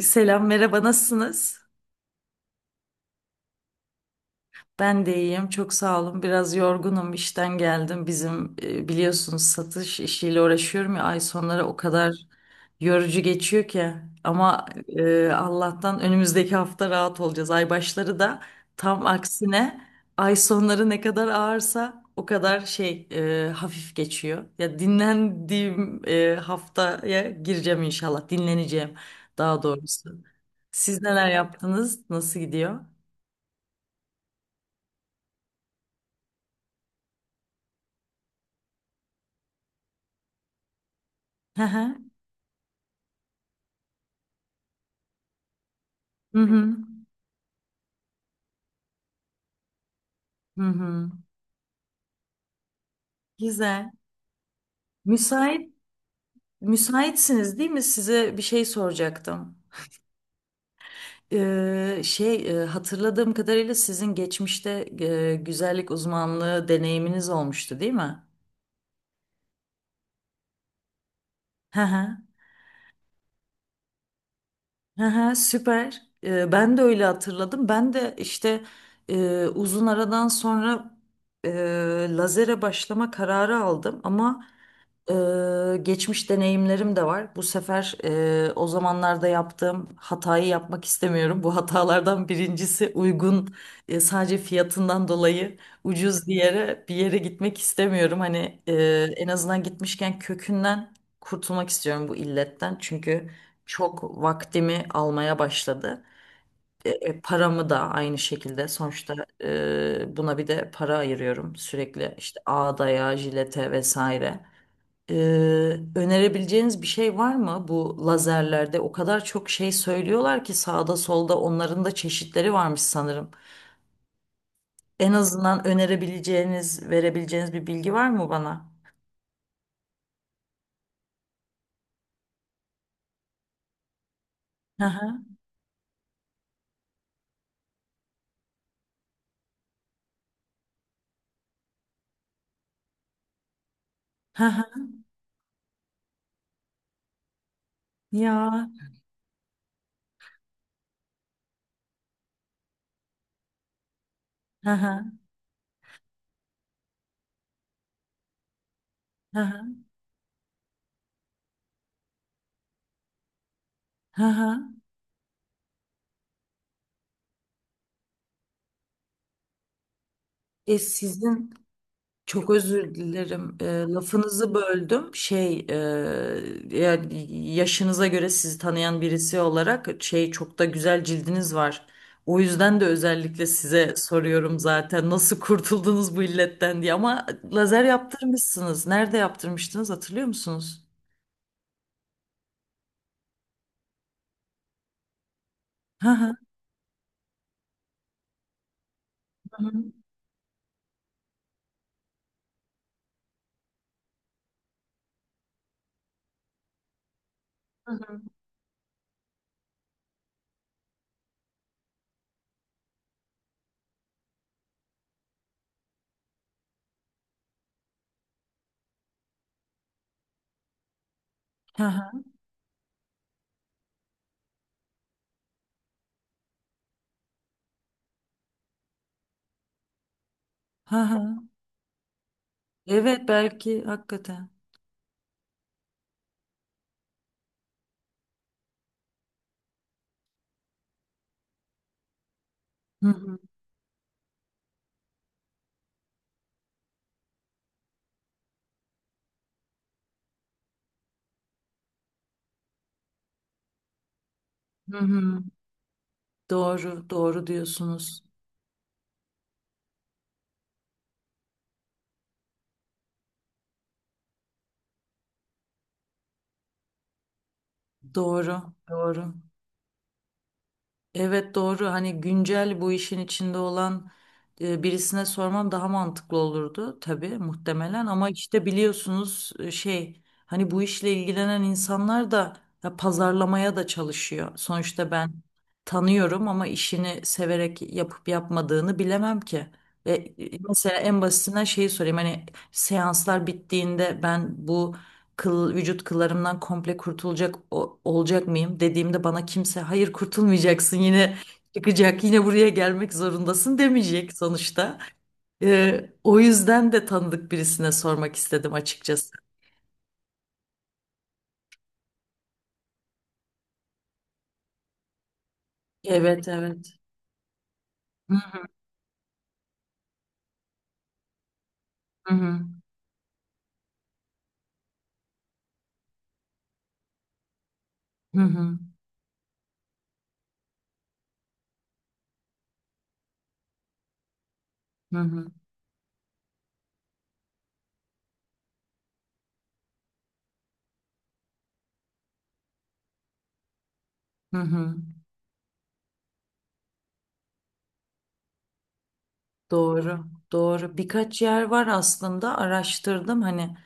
Selam, merhaba, nasılsınız? Ben de iyiyim, çok sağ olun. Biraz yorgunum, işten geldim. Bizim biliyorsunuz satış işiyle uğraşıyorum ya, ay sonları o kadar yorucu geçiyor ki. Ama Allah'tan önümüzdeki hafta rahat olacağız. Ay başları da tam aksine ay sonları ne kadar ağırsa o kadar şey hafif geçiyor. Ya dinlendiğim haftaya gireceğim inşallah, dinleneceğim daha doğrusu. Siz neler yaptınız? Nasıl gidiyor? Hı hı. Hı hı. Hı hı. Güzel. Müsait müsaitsiniz değil mi? Size bir şey soracaktım. Şey, hatırladığım kadarıyla sizin geçmişte güzellik uzmanlığı deneyiminiz olmuştu değil mi? Hı hı. Hı hı, süper. Ben de öyle hatırladım. Ben de işte uzun aradan sonra e, lazere başlama kararı aldım. Ama geçmiş deneyimlerim de var. Bu sefer o zamanlarda yaptığım hatayı yapmak istemiyorum. Bu hatalardan birincisi, uygun, sadece fiyatından dolayı ucuz bir yere gitmek istemiyorum. Hani, en azından gitmişken kökünden kurtulmak istiyorum bu illetten. Çünkü çok vaktimi almaya başladı. Paramı da aynı şekilde sonuçta, buna bir de para ayırıyorum sürekli, işte ağdaya, jilete vesaire. Önerebileceğiniz bir şey var mı bu lazerlerde? O kadar çok şey söylüyorlar ki sağda solda, onların da çeşitleri varmış sanırım. En azından önerebileceğiniz, verebileceğiniz bir bilgi var mı bana? Hı hı. Hı hı. Ya. Hı hı. Hı hı. Hı hı. E sizin Çok özür dilerim. Lafınızı böldüm. Şey, yani yaşınıza göre sizi tanıyan birisi olarak, şey, çok da güzel cildiniz var. O yüzden de özellikle size soruyorum zaten, nasıl kurtuldunuz bu illetten diye. Ama lazer yaptırmışsınız. Nerede yaptırmıştınız, hatırlıyor musunuz? Hı hı. Hı hı. Hı hı. Hı hı. Evet, belki hakikaten. Hı hı. Hı hı. Doğru, doğru diyorsunuz. Doğru, doğru. Evet doğru, hani güncel bu işin içinde olan birisine sorman daha mantıklı olurdu tabii muhtemelen, ama işte biliyorsunuz, şey, hani bu işle ilgilenen insanlar da ya, pazarlamaya da çalışıyor. Sonuçta ben tanıyorum ama işini severek yapıp yapmadığını bilemem ki. Mesela en basitinden şeyi sorayım, hani seanslar bittiğinde ben bu kıl, vücut kıllarımdan komple kurtulacak olacak mıyım dediğimde bana kimse hayır kurtulmayacaksın, yine çıkacak, yine buraya gelmek zorundasın demeyecek sonuçta. O yüzden de tanıdık birisine sormak istedim açıkçası. Evet, evet. Hı hı hı hı hı hı. hı hı. Doğru, doğru. Birkaç yer var aslında, araştırdım hani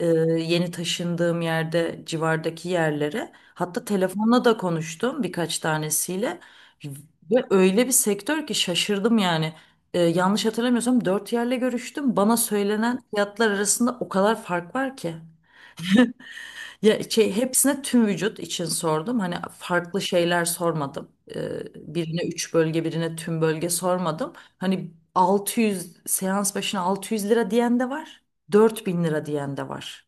e, yeni taşındığım yerde civardaki yerlere. Hatta telefonla da konuştum birkaç tanesiyle ve öyle bir sektör ki, şaşırdım yani. Yanlış hatırlamıyorsam dört yerle görüştüm. Bana söylenen fiyatlar arasında o kadar fark var ki. Ya şey, hepsine tüm vücut için sordum. Hani farklı şeyler sormadım. Ee, birine 3 bölge, birine tüm bölge sormadım. Hani 600 seans başına 600 lira diyen de var, 4.000 lira diyen de var.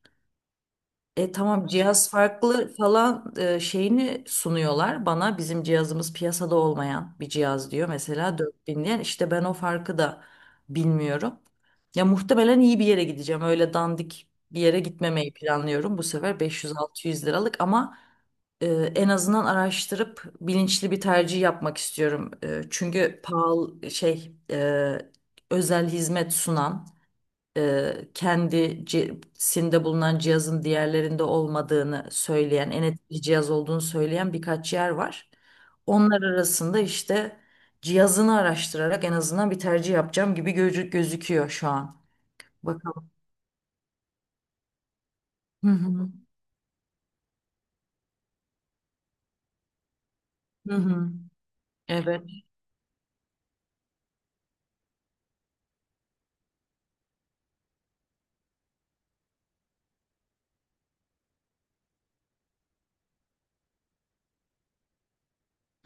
Tamam, cihaz farklı falan şeyini sunuyorlar bana, bizim cihazımız piyasada olmayan bir cihaz diyor mesela 4.000 diyen, işte ben o farkı da bilmiyorum. Ya muhtemelen iyi bir yere gideceğim, öyle dandik bir yere gitmemeyi planlıyorum bu sefer, 500-600 liralık ama e, en azından araştırıp bilinçli bir tercih yapmak istiyorum. Çünkü pahalı, şey, özel hizmet sunan, kendisinde bulunan cihazın diğerlerinde olmadığını söyleyen, en etkili cihaz olduğunu söyleyen birkaç yer var. Onlar arasında işte cihazını araştırarak en azından bir tercih yapacağım gibi gözüküyor şu an. Bakalım. Hı hı. Hı hı. Evet.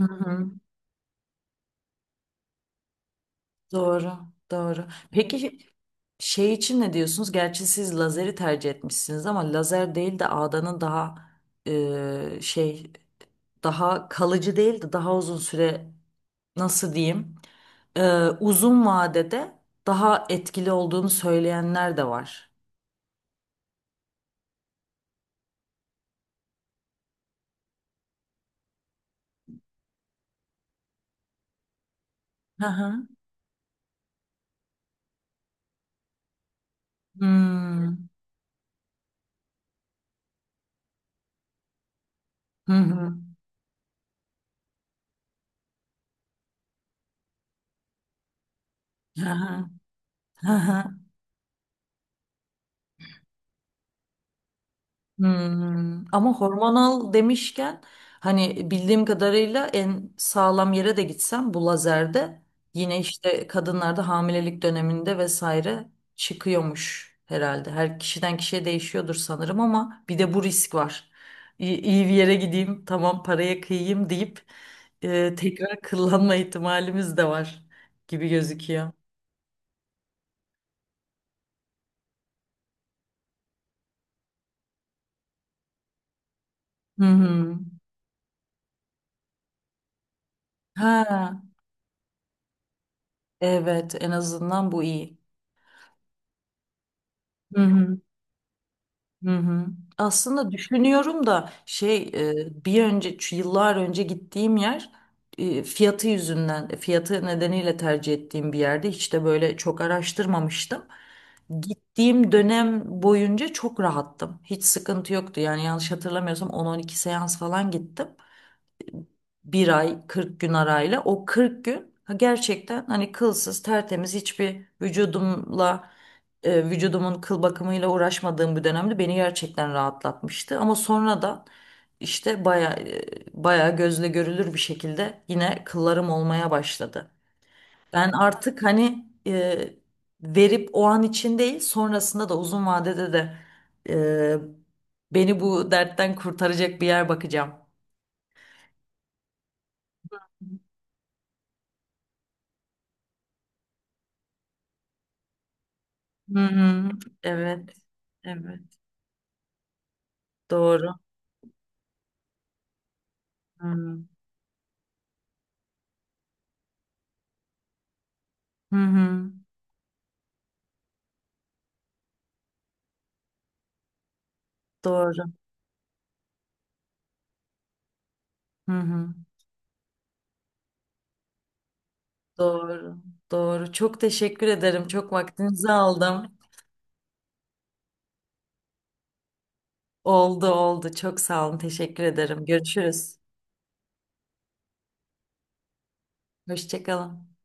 Hı hı. Doğru. Doğru. Peki şey için ne diyorsunuz? Gerçi siz lazeri tercih etmişsiniz, ama lazer değil de ağdanın daha şey, daha kalıcı değil de daha uzun süre, nasıl diyeyim, e, uzun vadede daha etkili olduğunu söyleyenler de var. Hı hı. Hmm. Hı hı. Hı hı. Hı hı. Hmm, ama hormonal demişken, hani bildiğim kadarıyla en sağlam yere de gitsem bu lazerde yine işte kadınlarda hamilelik döneminde vesaire çıkıyormuş herhalde. Her kişiden kişiye değişiyordur sanırım, ama bir de bu risk var. İyi, iyi bir yere gideyim, tamam paraya kıyayım deyip tekrar kullanma ihtimalimiz de var gibi gözüküyor. Hı hı. Ha evet, en azından bu iyi. Hı hı. Hı hı. Aslında düşünüyorum da şey, bir önce şu yıllar önce gittiğim yer, fiyatı yüzünden, fiyatı nedeniyle tercih ettiğim bir yerde hiç de böyle çok araştırmamıştım. Gittiğim dönem boyunca çok rahattım. Hiç sıkıntı yoktu. Yani yanlış hatırlamıyorsam 10-12 seans falan gittim, bir ay 40 gün arayla. O 40 gün, ha, gerçekten hani kılsız, tertemiz, hiçbir vücudumla, vücudumun kıl bakımıyla uğraşmadığım bir dönemde beni gerçekten rahatlatmıştı. Ama sonradan işte baya gözle görülür bir şekilde yine kıllarım olmaya başladı. Ben artık, hani, verip o an için değil, sonrasında da uzun vadede de beni bu dertten kurtaracak bir yer bakacağım. Hı hı. Evet. Evet. Doğru. Hı hı. hı. Doğru. Hı hı. Doğru. Doğru. Çok teşekkür ederim. Çok vaktinizi aldım. Oldu oldu. Çok sağ olun. Teşekkür ederim. Görüşürüz. Hoşça kalın.